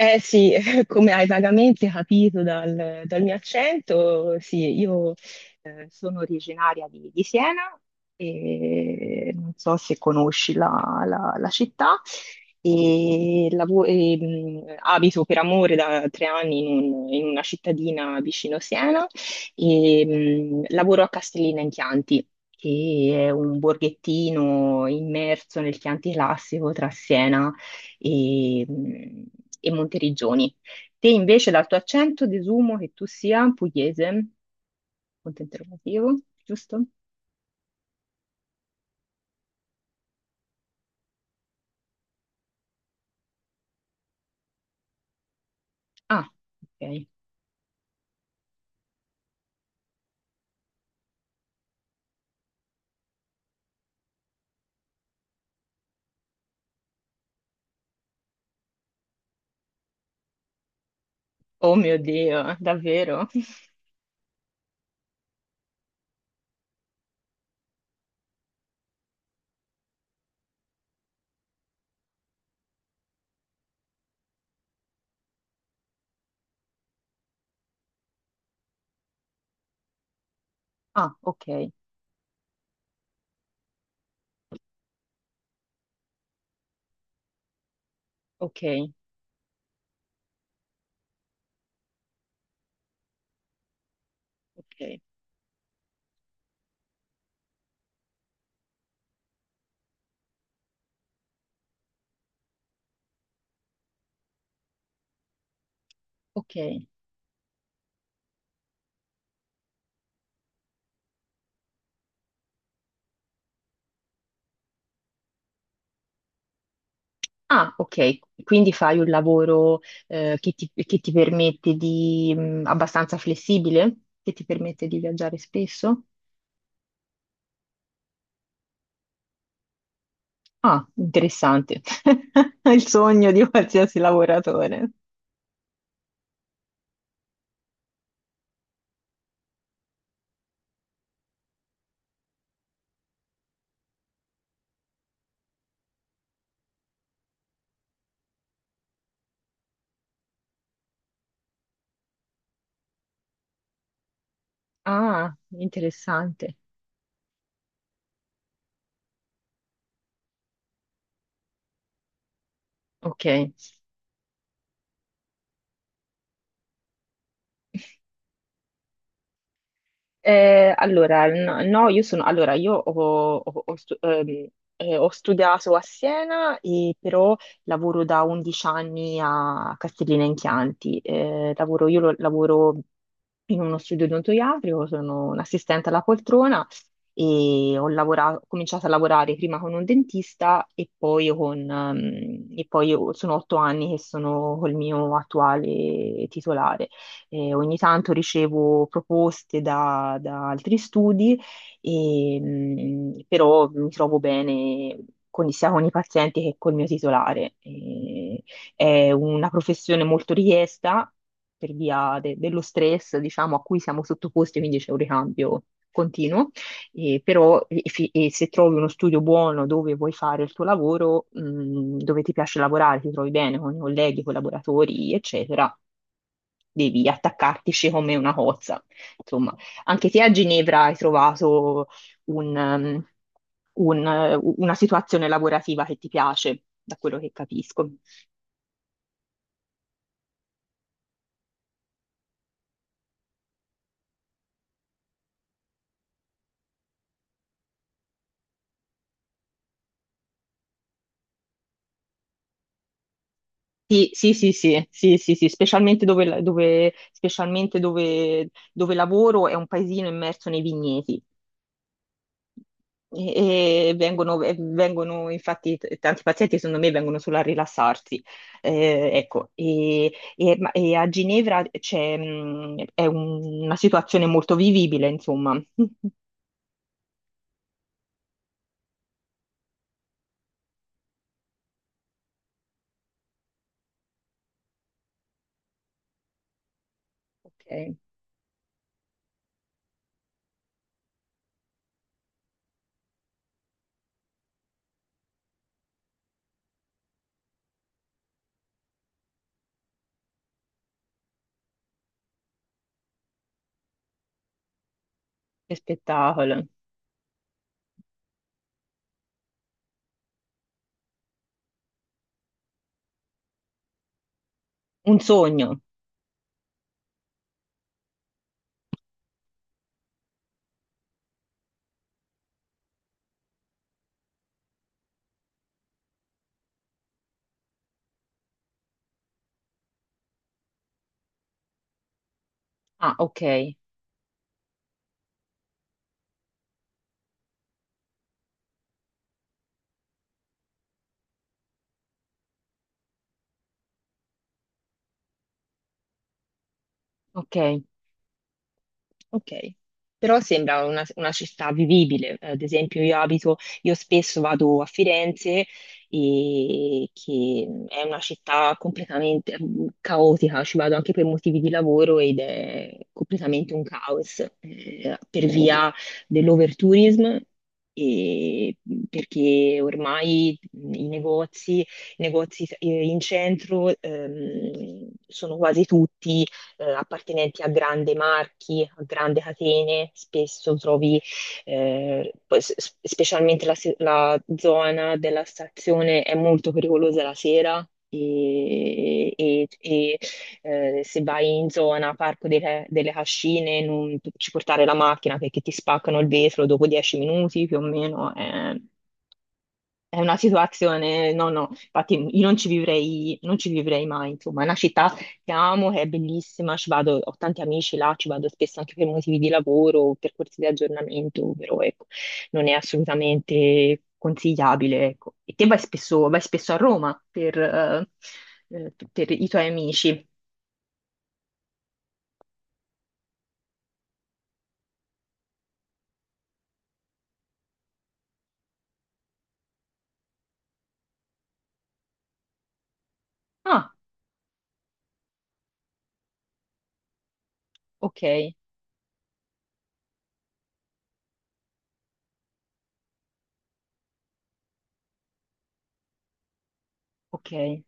Eh sì, come hai vagamente capito dal mio accento, sì, io sono originaria di Siena e non so se conosci la città e, abito per amore da 3 anni in una cittadina vicino Siena e lavoro a Castellina in Chianti, che è un borghettino immerso nel Chianti classico tra Siena e, e Monteriggioni. Te invece dal tuo accento desumo che tu sia pugliese, punto interrogativo, giusto? Ah, ok. Oh mio Dio, davvero? Ah, ok, ok, ok, ok. Ah, ok, quindi fai un lavoro che ti permette di, abbastanza flessibile, che ti permette di viaggiare spesso? Ah, interessante. Il sogno di qualsiasi lavoratore. Ah, interessante. Ok. Allora, no, allora, io ho studiato a Siena, e però lavoro da 11 anni a Castellina in Chianti. Lavoro in uno studio odontoiatrico, sono un'assistente alla poltrona e ho cominciato a lavorare prima con un dentista e poi con, e poi io- sono 8 anni che sono col mio attuale titolare. Ogni tanto ricevo proposte da altri studi, e, però mi trovo bene sia con i pazienti che col mio titolare. È una professione molto richiesta per via dello stress, diciamo, a cui siamo sottoposti, quindi c'è un ricambio continuo. E però se trovi uno studio buono dove vuoi fare il tuo lavoro, dove ti piace lavorare, ti trovi bene con i colleghi, collaboratori, eccetera, devi attaccartici come una cozza. Insomma, anche te a Ginevra hai trovato un, um, una situazione lavorativa che ti piace, da quello che capisco. Sì, sì, sì, sì, sì, sì, sì, specialmente dove lavoro è un paesino immerso nei vigneti. E vengono, infatti, tanti pazienti, secondo me, vengono solo a rilassarsi. Ecco, e a Ginevra è una situazione molto vivibile, insomma. Ok, che spettacolo. Un sogno. Ah, ok, ok. Ok, però sembra una città vivibile. Ad esempio, io spesso vado a Firenze, e che è una città completamente caotica, ci vado anche per motivi di lavoro ed è completamente un caos, per via dell'overtourism. E perché ormai i negozi, in centro sono quasi tutti appartenenti a grandi marchi, a grandi catene, spesso trovi, poi specialmente la, se- la zona della stazione è molto pericolosa la sera. Se vai in zona Parco delle Cascine, non ci portare la macchina perché ti spaccano il vetro dopo 10 minuti più o meno. È una situazione, no, no, infatti io non ci vivrei, non ci vivrei mai, insomma, è una città che amo, che è bellissima, ci vado, ho tanti amici là, ci vado spesso anche per motivi di lavoro, per corsi di aggiornamento, però ecco, non è assolutamente consigliabile, ecco. E te vai spesso a Roma per i tuoi amici. Ah, ok, ok,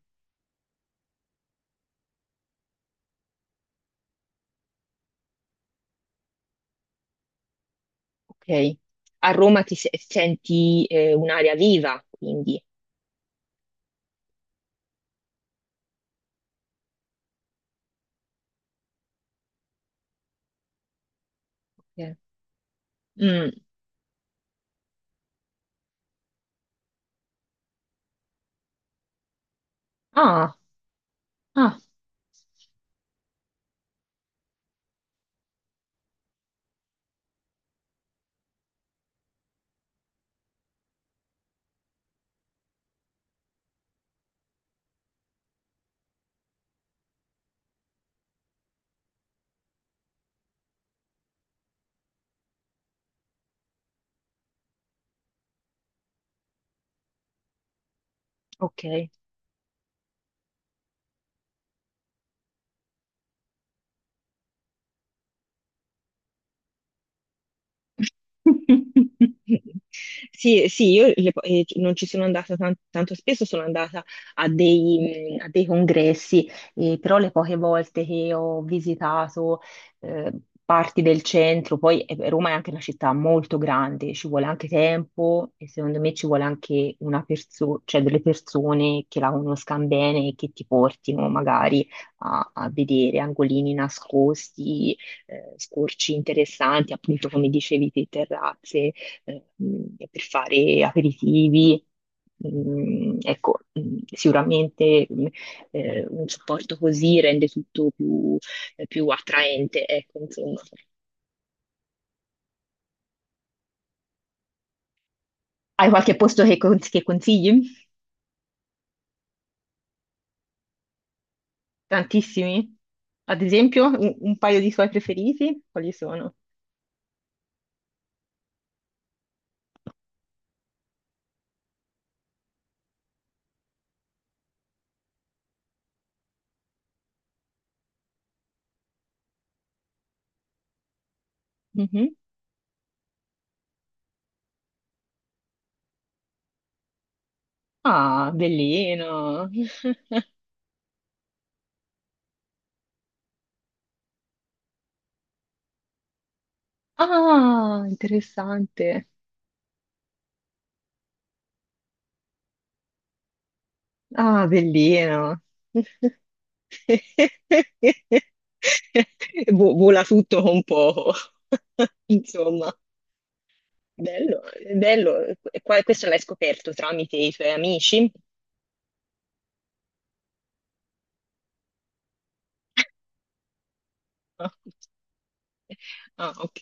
ok. A Roma ti senti un'aria viva, quindi. Ok. Mm. Ah. Ah. Ok. Sì, sì, io non ci sono andata tanto spesso, sono andata a dei congressi, però le poche volte che ho visitato eh, parti del centro, poi Roma è anche una città molto grande, ci vuole anche tempo e secondo me ci vuole anche cioè delle persone che la conoscano bene e che ti portino magari a vedere angolini nascosti scorci interessanti, appunto come dicevi te, terrazze, per fare aperitivi. Ecco, sicuramente un supporto così rende tutto più attraente, ecco, insomma. Hai qualche posto che consigli? Tantissimi? Ad esempio, un paio di suoi preferiti? Quali sono? Mhm. Ah, bellino! Ah, interessante. Ah, bellino. Vola tutto con poco. Insomma, bello, bello. E questo l'hai scoperto tramite i tuoi amici? Ah, ok,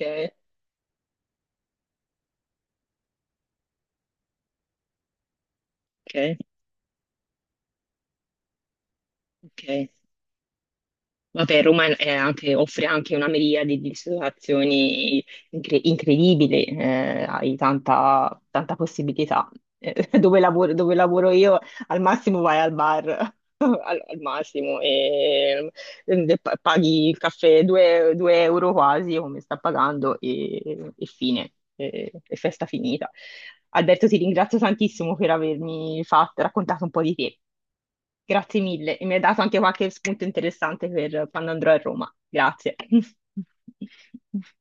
ok, ok. Vabbè, Roma è offre anche una miriade di situazioni incredibili, hai tanta, tanta possibilità. Dove lavoro io, al massimo vai al bar, al, al massimo, e, paghi il caffè 2 euro quasi, come sta pagando, e fine, e festa finita. Alberto, ti ringrazio tantissimo per avermi raccontato un po' di te. Grazie mille e mi hai dato anche qualche spunto interessante per quando andrò a Roma. Grazie.